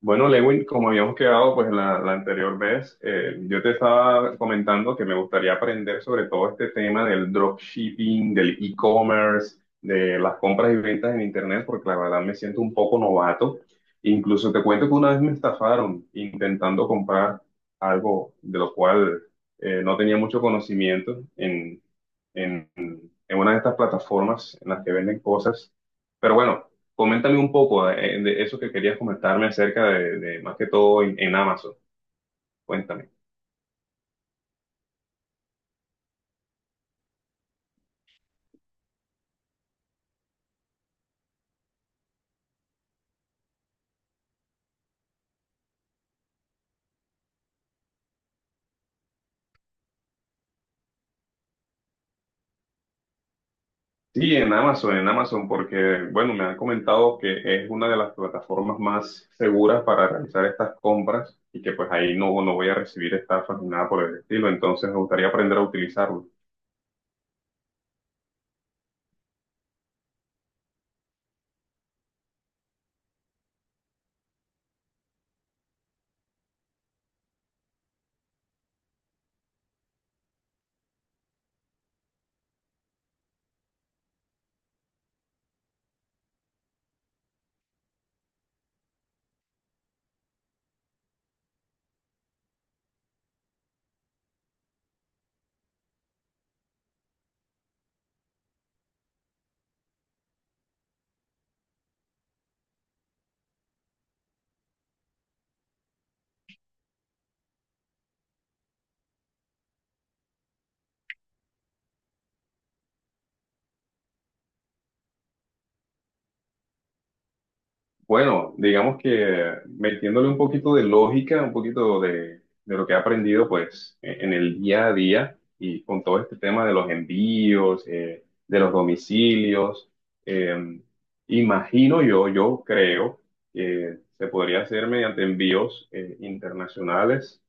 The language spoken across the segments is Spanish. Bueno, Lewin, como habíamos quedado pues la anterior vez, yo te estaba comentando que me gustaría aprender sobre todo este tema del dropshipping, del e-commerce, de las compras y ventas en internet, porque la verdad me siento un poco novato. Incluso te cuento que una vez me estafaron intentando comprar algo de lo cual no tenía mucho conocimiento en una de estas plataformas en las que venden cosas. Pero bueno, coméntame un poco eso que querías comentarme acerca de más que todo en Amazon. Cuéntame. Sí, en Amazon, porque bueno, me han comentado que es una de las plataformas más seguras para realizar estas compras y que pues ahí no, no voy a recibir estafas ni nada por el estilo, entonces me gustaría aprender a utilizarlo. Bueno, digamos que metiéndole un poquito de lógica, un poquito de lo que he aprendido pues en el día a día y con todo este tema de los envíos, de los domicilios, eh, imagino yo, yo creo que se podría hacer mediante envíos internacionales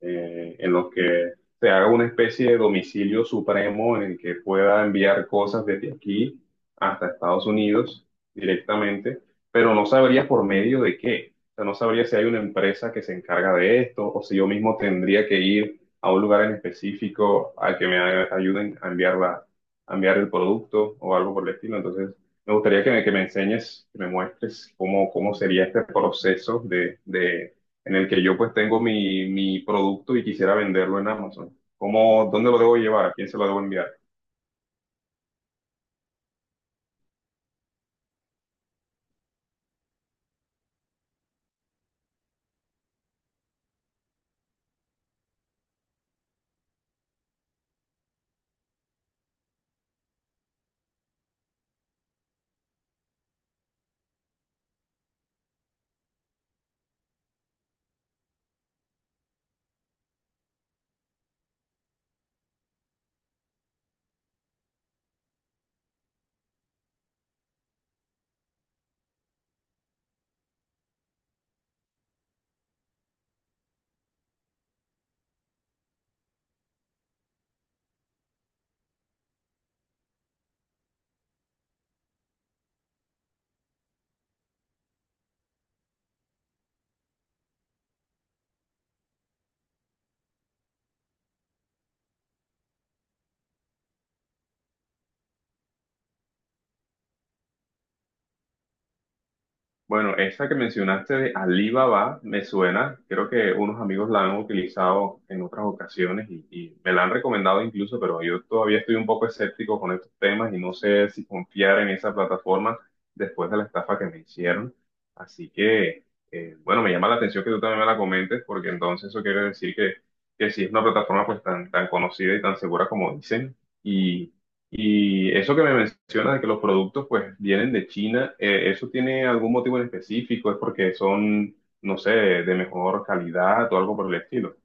en los que se haga una especie de domicilio supremo en el que pueda enviar cosas desde aquí hasta Estados Unidos directamente, pero no sabría por medio de qué. O sea, no sabría si hay una empresa que se encarga de esto o si yo mismo tendría que ir a un lugar en específico al que ayuden a enviar a enviar el producto o algo por el estilo. Entonces, me gustaría que me enseñes, que me muestres cómo, cómo sería este proceso de en el que yo pues tengo mi producto y quisiera venderlo en Amazon. ¿Cómo, dónde lo debo llevar? ¿A quién se lo debo enviar? Bueno, esa que mencionaste de Alibaba me suena, creo que unos amigos la han utilizado en otras ocasiones y me la han recomendado incluso, pero yo todavía estoy un poco escéptico con estos temas y no sé si confiar en esa plataforma después de la estafa que me hicieron. Así que, bueno, me llama la atención que tú también me la comentes porque entonces eso quiere decir que sí es una plataforma pues tan conocida y tan segura como dicen y eso que me mencionas de que los productos pues vienen de China, ¿eso tiene algún motivo en específico? ¿Es porque son, no sé, de mejor calidad o algo por el estilo?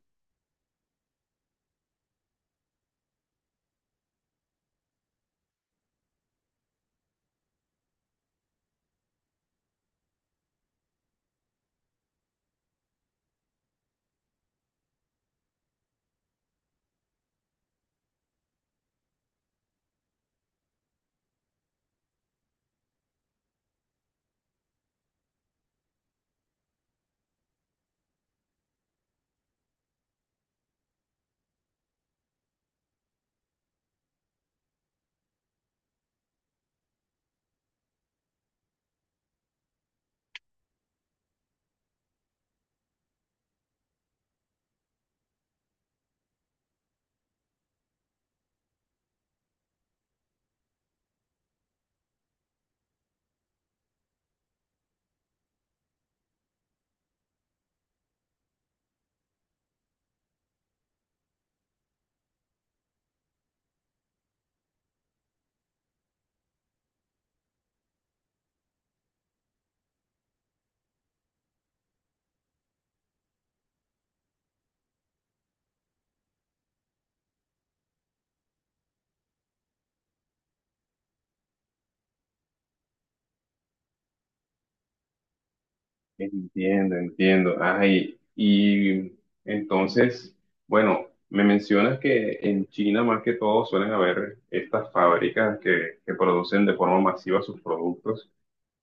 Entiendo, entiendo. Ay, y entonces, bueno, me mencionas que en China más que todo suelen haber estas fábricas que producen de forma masiva sus productos.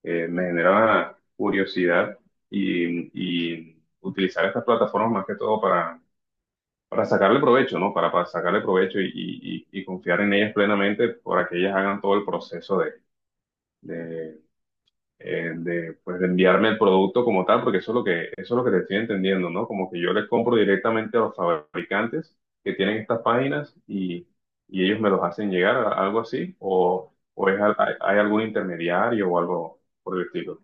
Me genera curiosidad y utilizar estas plataformas más que todo para sacarle provecho, ¿no? Para sacarle provecho y, y confiar en ellas plenamente para que ellas hagan todo el proceso de, de pues, de enviarme el producto como tal, porque eso es lo que, eso es lo que te estoy entendiendo, ¿no? Como que yo les compro directamente a los fabricantes que tienen estas páginas y ellos me los hacen llegar, algo así, hay, hay algún intermediario o algo por el estilo.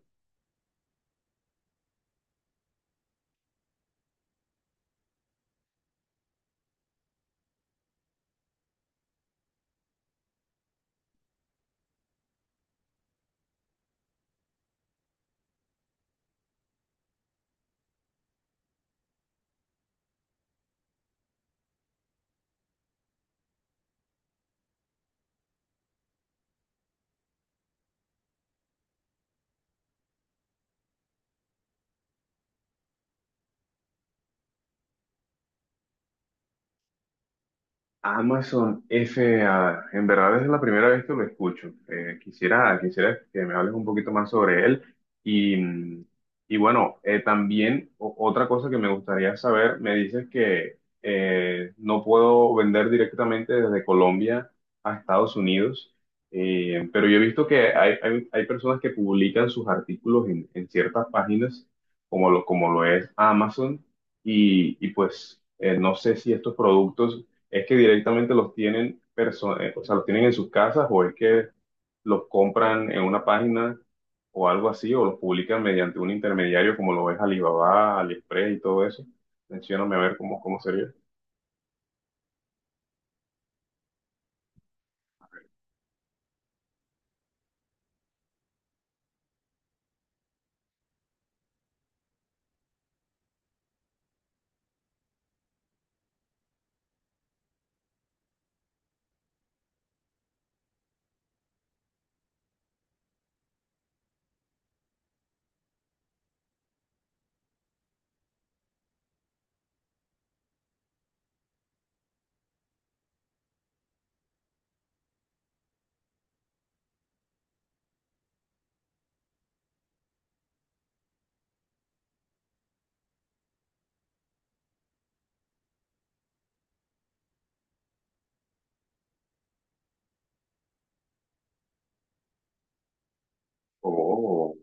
Amazon FAA, en verdad es la primera vez que lo escucho. Quisiera, quisiera que me hables un poquito más sobre él. Y, y bueno, también otra cosa que me gustaría saber, me dices que no puedo vender directamente desde Colombia a Estados Unidos. Pero yo he visto que hay personas que publican sus artículos en ciertas páginas, como lo es Amazon, y pues no sé si estos productos. ¿Es que directamente los tienen o sea, los tienen en sus casas o es que los compran en una página o algo así o los publican mediante un intermediario como lo es Alibaba, AliExpress y todo eso? Mencióname a ver cómo, cómo sería. Oh,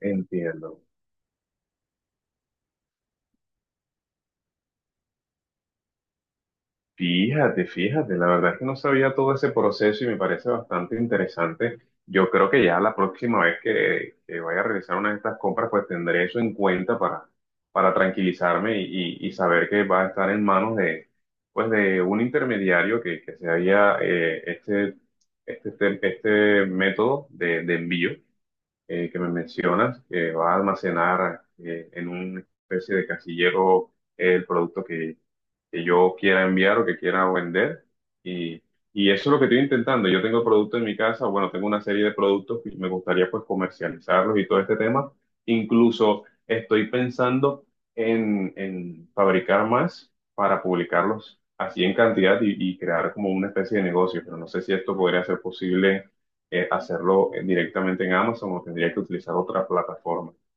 entiendo. Fíjate, fíjate, la verdad es que no sabía todo ese proceso y me parece bastante interesante. Yo creo que ya la próxima vez que vaya a realizar una de estas compras, pues tendré eso en cuenta para tranquilizarme y, y saber que va a estar en manos de, pues de un intermediario que se haga este método de envío que me mencionas, que va a almacenar en una especie de casillero el producto que yo quiera enviar o que quiera vender. Y, y eso es lo que estoy intentando. Yo tengo productos en mi casa, bueno, tengo una serie de productos que me gustaría pues comercializarlos y todo este tema. Incluso estoy pensando en fabricar más para publicarlos así en cantidad y crear como una especie de negocio, pero no sé si esto podría ser posible hacerlo directamente en Amazon o tendría que utilizar otra plataforma.